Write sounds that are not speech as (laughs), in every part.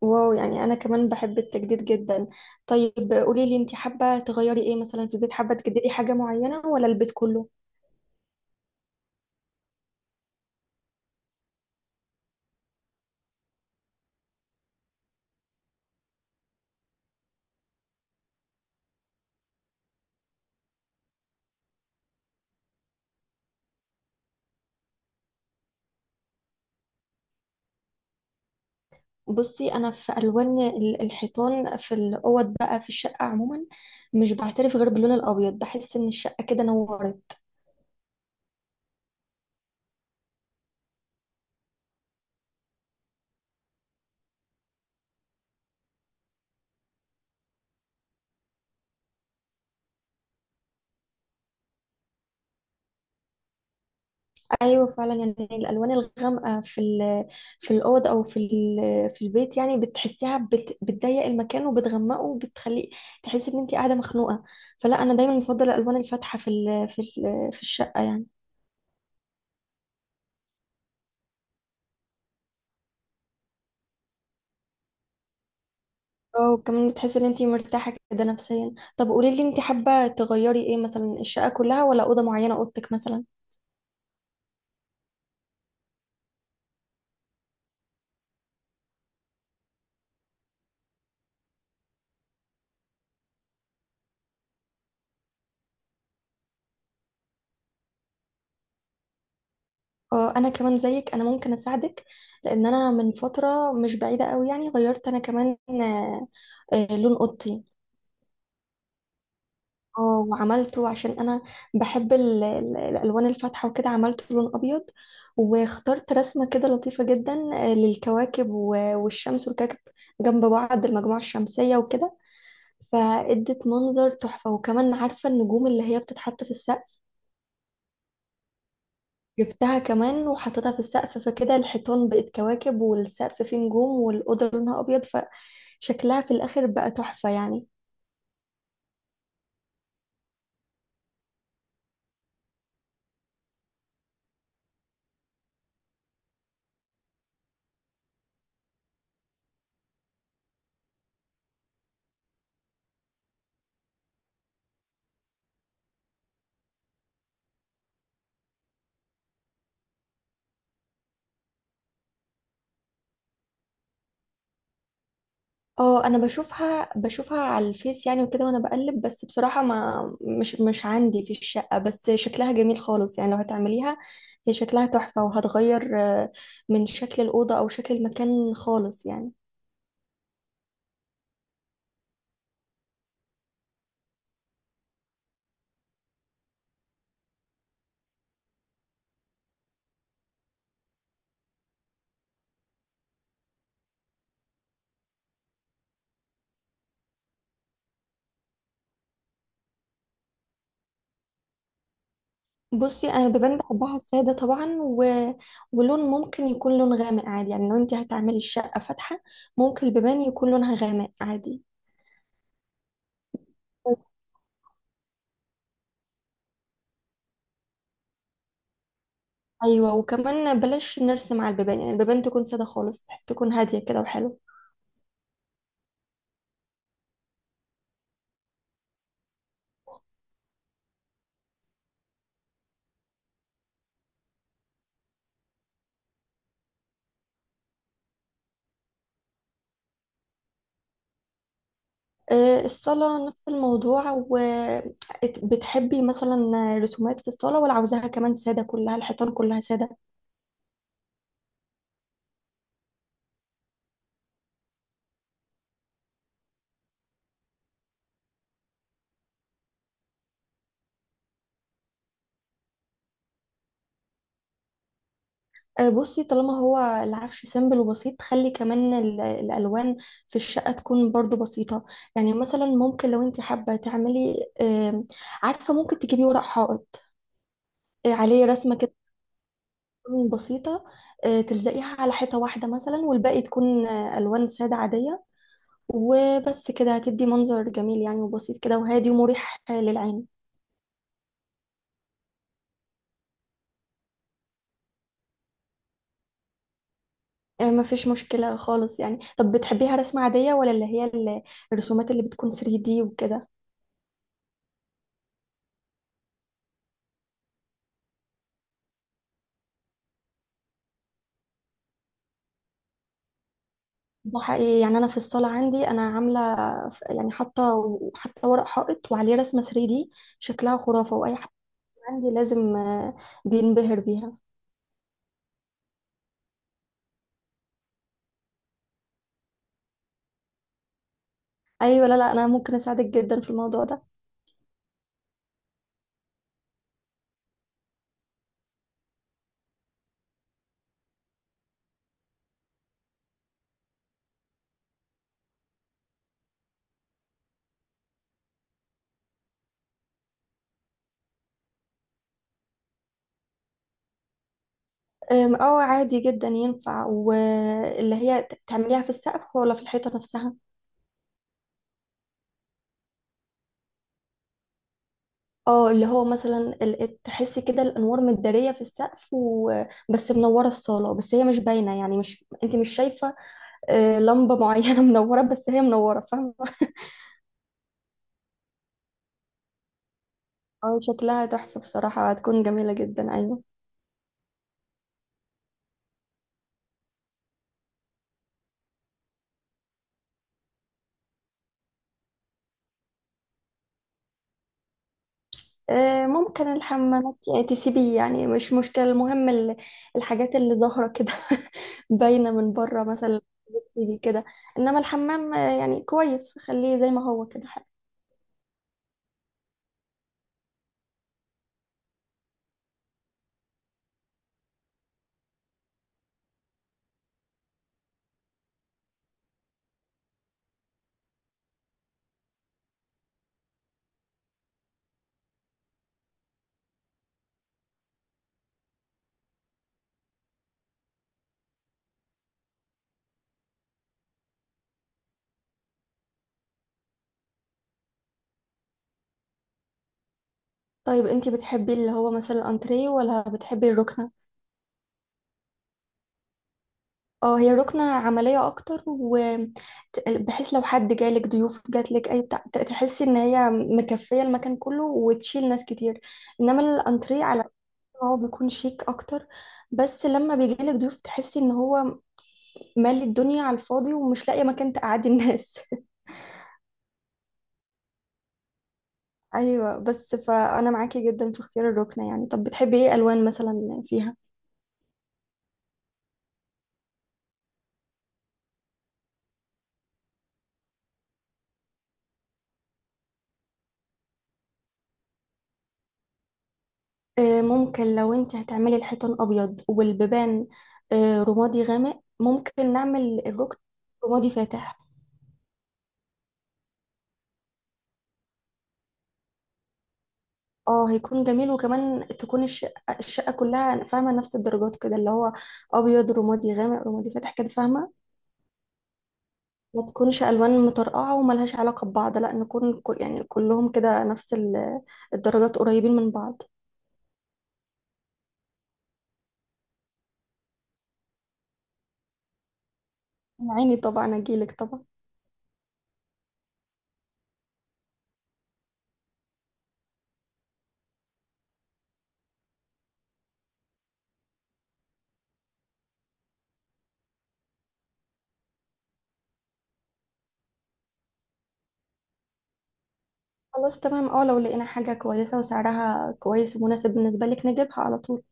واو، يعني انا كمان بحب التجديد جدا. طيب قولي لي انت حابه تغيري ايه مثلا في البيت، حابه تجددي حاجه معينه ولا البيت كله؟ بصي، انا في الوان الحيطان في الاوض، بقى في الشقه عموما، مش بعترف غير باللون الابيض، بحس ان الشقه كده نورت. ايوه فعلا، يعني الالوان الغامقه في الاوض او في في البيت يعني بتحسيها بتضيق المكان وبتغمقه وبتخليه تحسي ان انت قاعده مخنوقه. فلا، انا دايما بفضل الالوان الفاتحه في في الشقه يعني. اه، وكمان بتحسي ان انتي مرتاحة كده نفسيا. طب قولي لي، انتي حابة تغيري ايه مثلا، الشقة كلها ولا أوضة معينة، أوضتك مثلا؟ اه، انا كمان زيك، انا ممكن اساعدك، لان انا من فترة مش بعيدة قوي يعني غيرت انا كمان لون اوضتي. اه، وعملته عشان انا بحب الالوان الفاتحة، وكده عملته لون ابيض، واخترت رسمة كده لطيفة جدا، للكواكب والشمس والكواكب جنب بعض، المجموعة الشمسية وكده، فادت منظر تحفة. وكمان عارفة النجوم اللي هي بتتحط في السقف؟ جبتها كمان وحطيتها في السقف، فكده الحيطان بقت كواكب والسقف فيه نجوم والأوضة لونها أبيض، فشكلها في الآخر بقى تحفة يعني. اه، انا بشوفها بشوفها على الفيس يعني وكده، وانا بقلب، بس بصراحة ما مش عندي في الشقة، بس شكلها جميل خالص يعني. لو هتعمليها هي شكلها تحفة، وهتغير من شكل الأوضة أو شكل المكان خالص يعني. بصي، انا بيبان بحبها الساده طبعا، ولون ممكن يكون لون غامق عادي يعني. لو انت هتعملي الشقه فاتحه، ممكن البيبان يكون لونها غامق عادي. ايوه، وكمان بلاش نرسم على البيبان، يعني البيبان تكون ساده خالص، بحيث تكون هاديه كده وحلو. الصاله نفس الموضوع. وبتحبي مثلا رسومات في الصاله، ولا عاوزاها كمان ساده كلها، الحيطان كلها ساده؟ بصي، طالما هو العفش سيمبل وبسيط، خلي كمان الالوان في الشقه تكون برضو بسيطه. يعني مثلا، ممكن لو انت حابه تعملي، عارفه، ممكن تجيبي ورق حائط عليه رسمه كده تكون بسيطه، تلزقيها على حيطه واحده مثلا، والباقي تكون الوان ساده عاديه، وبس كده هتدي منظر جميل يعني، وبسيط كده وهادي ومريح للعين. مفيش مشكله خالص يعني. طب بتحبيها رسمه عاديه، ولا اللي هي الرسومات اللي بتكون 3D وكده؟ ده حقيقي، يعني انا في الصاله عندي انا عامله، يعني حاطه حتى ورق حائط وعليه رسمه 3D، شكلها خرافه، واي حد عندي لازم بينبهر بيها. ايوه، لا لا، انا ممكن اساعدك جدا في الموضوع ده. اه عادي جدا، ينفع. واللي هي تعمليها في السقف ولا في الحيطه نفسها؟ اه، اللي هو مثلا تحسي كده الانوار متداريه في السقف، وبس منوره الصاله، بس هي مش باينه، يعني مش، انت مش شايفه لمبه معينه (laughs) منوره، بس هي منوره، فاهمه؟ اه شكلها تحفة بصراحة، هتكون جميلة جدا، أيوة. ممكن الحمامات يعني تسيبيه، يعني مش مشكلة، المهم الحاجات اللي ظاهرة كده (laughs) باينة من بره مثلا تيجي كده. إنما الحمام يعني كويس، خليه زي ما هو كده حلو. طيب انتي بتحبي اللي هو مثلا الأنتريه ولا بتحبي الركنة؟ اه، هي الركنة عملية أكتر، وبحيث لو حد جالك ضيوف جاتلك أي بتاع، تحسي إن هي مكفية المكان كله وتشيل ناس كتير. إنما الأنتريه هو بيكون شيك اكتر، بس لما بيجيلك ضيوف بتحسي ان هو مالي الدنيا على الفاضي، ومش لاقيه مكان تقعدي الناس. (laughs) ايوه، بس فانا معاكي جدا في اختيار الركنه يعني. طب بتحبي ايه الوان مثلا فيها؟ ممكن لو انت هتعملي الحيطان ابيض والبيبان رمادي غامق، ممكن نعمل الركن رمادي فاتح. اه، هيكون جميل. وكمان تكون الشقه كلها فاهمه، نفس الدرجات كده، اللي هو ابيض، رمادي غامق، رمادي فاتح، كده فاهمه. ما تكونش الوان مطرقعه وملهاش علاقه ببعض، لا نكون كل، يعني كلهم كده نفس الدرجات، قريبين من بعض. عيني طبعا، اجيلك طبعا. خلاص تمام، اه لو لقينا حاجه كويسه وسعرها كويس ومناسب بالنسبه لك نجيبها على طول.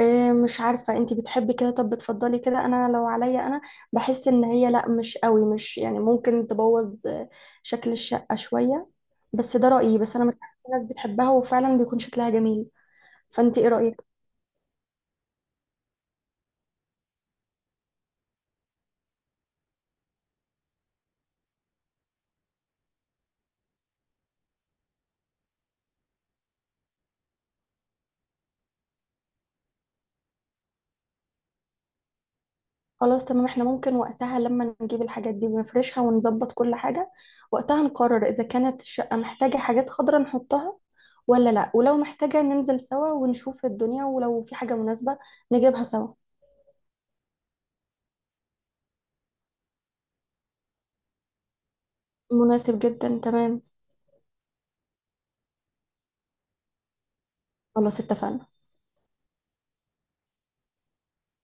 إيه، مش عارفه انتي بتحبي كده؟ طب بتفضلي كده؟ انا لو عليا انا بحس ان هي لا، مش قوي، مش يعني، ممكن تبوظ شكل الشقه شويه. بس ده رايي، بس انا مش عارفه، في ناس بتحبها وفعلا بيكون شكلها جميل. فانتي ايه رايك؟ خلاص تمام، احنا ممكن وقتها لما نجيب الحاجات دي ونفرشها ونظبط كل حاجة، وقتها نقرر إذا كانت الشقة محتاجة حاجات خضراء نحطها ولا لأ. ولو محتاجة ننزل سوا ونشوف الدنيا، ولو في حاجة مناسبة نجيبها سوا. مناسب جدا، تمام. خلاص اتفقنا.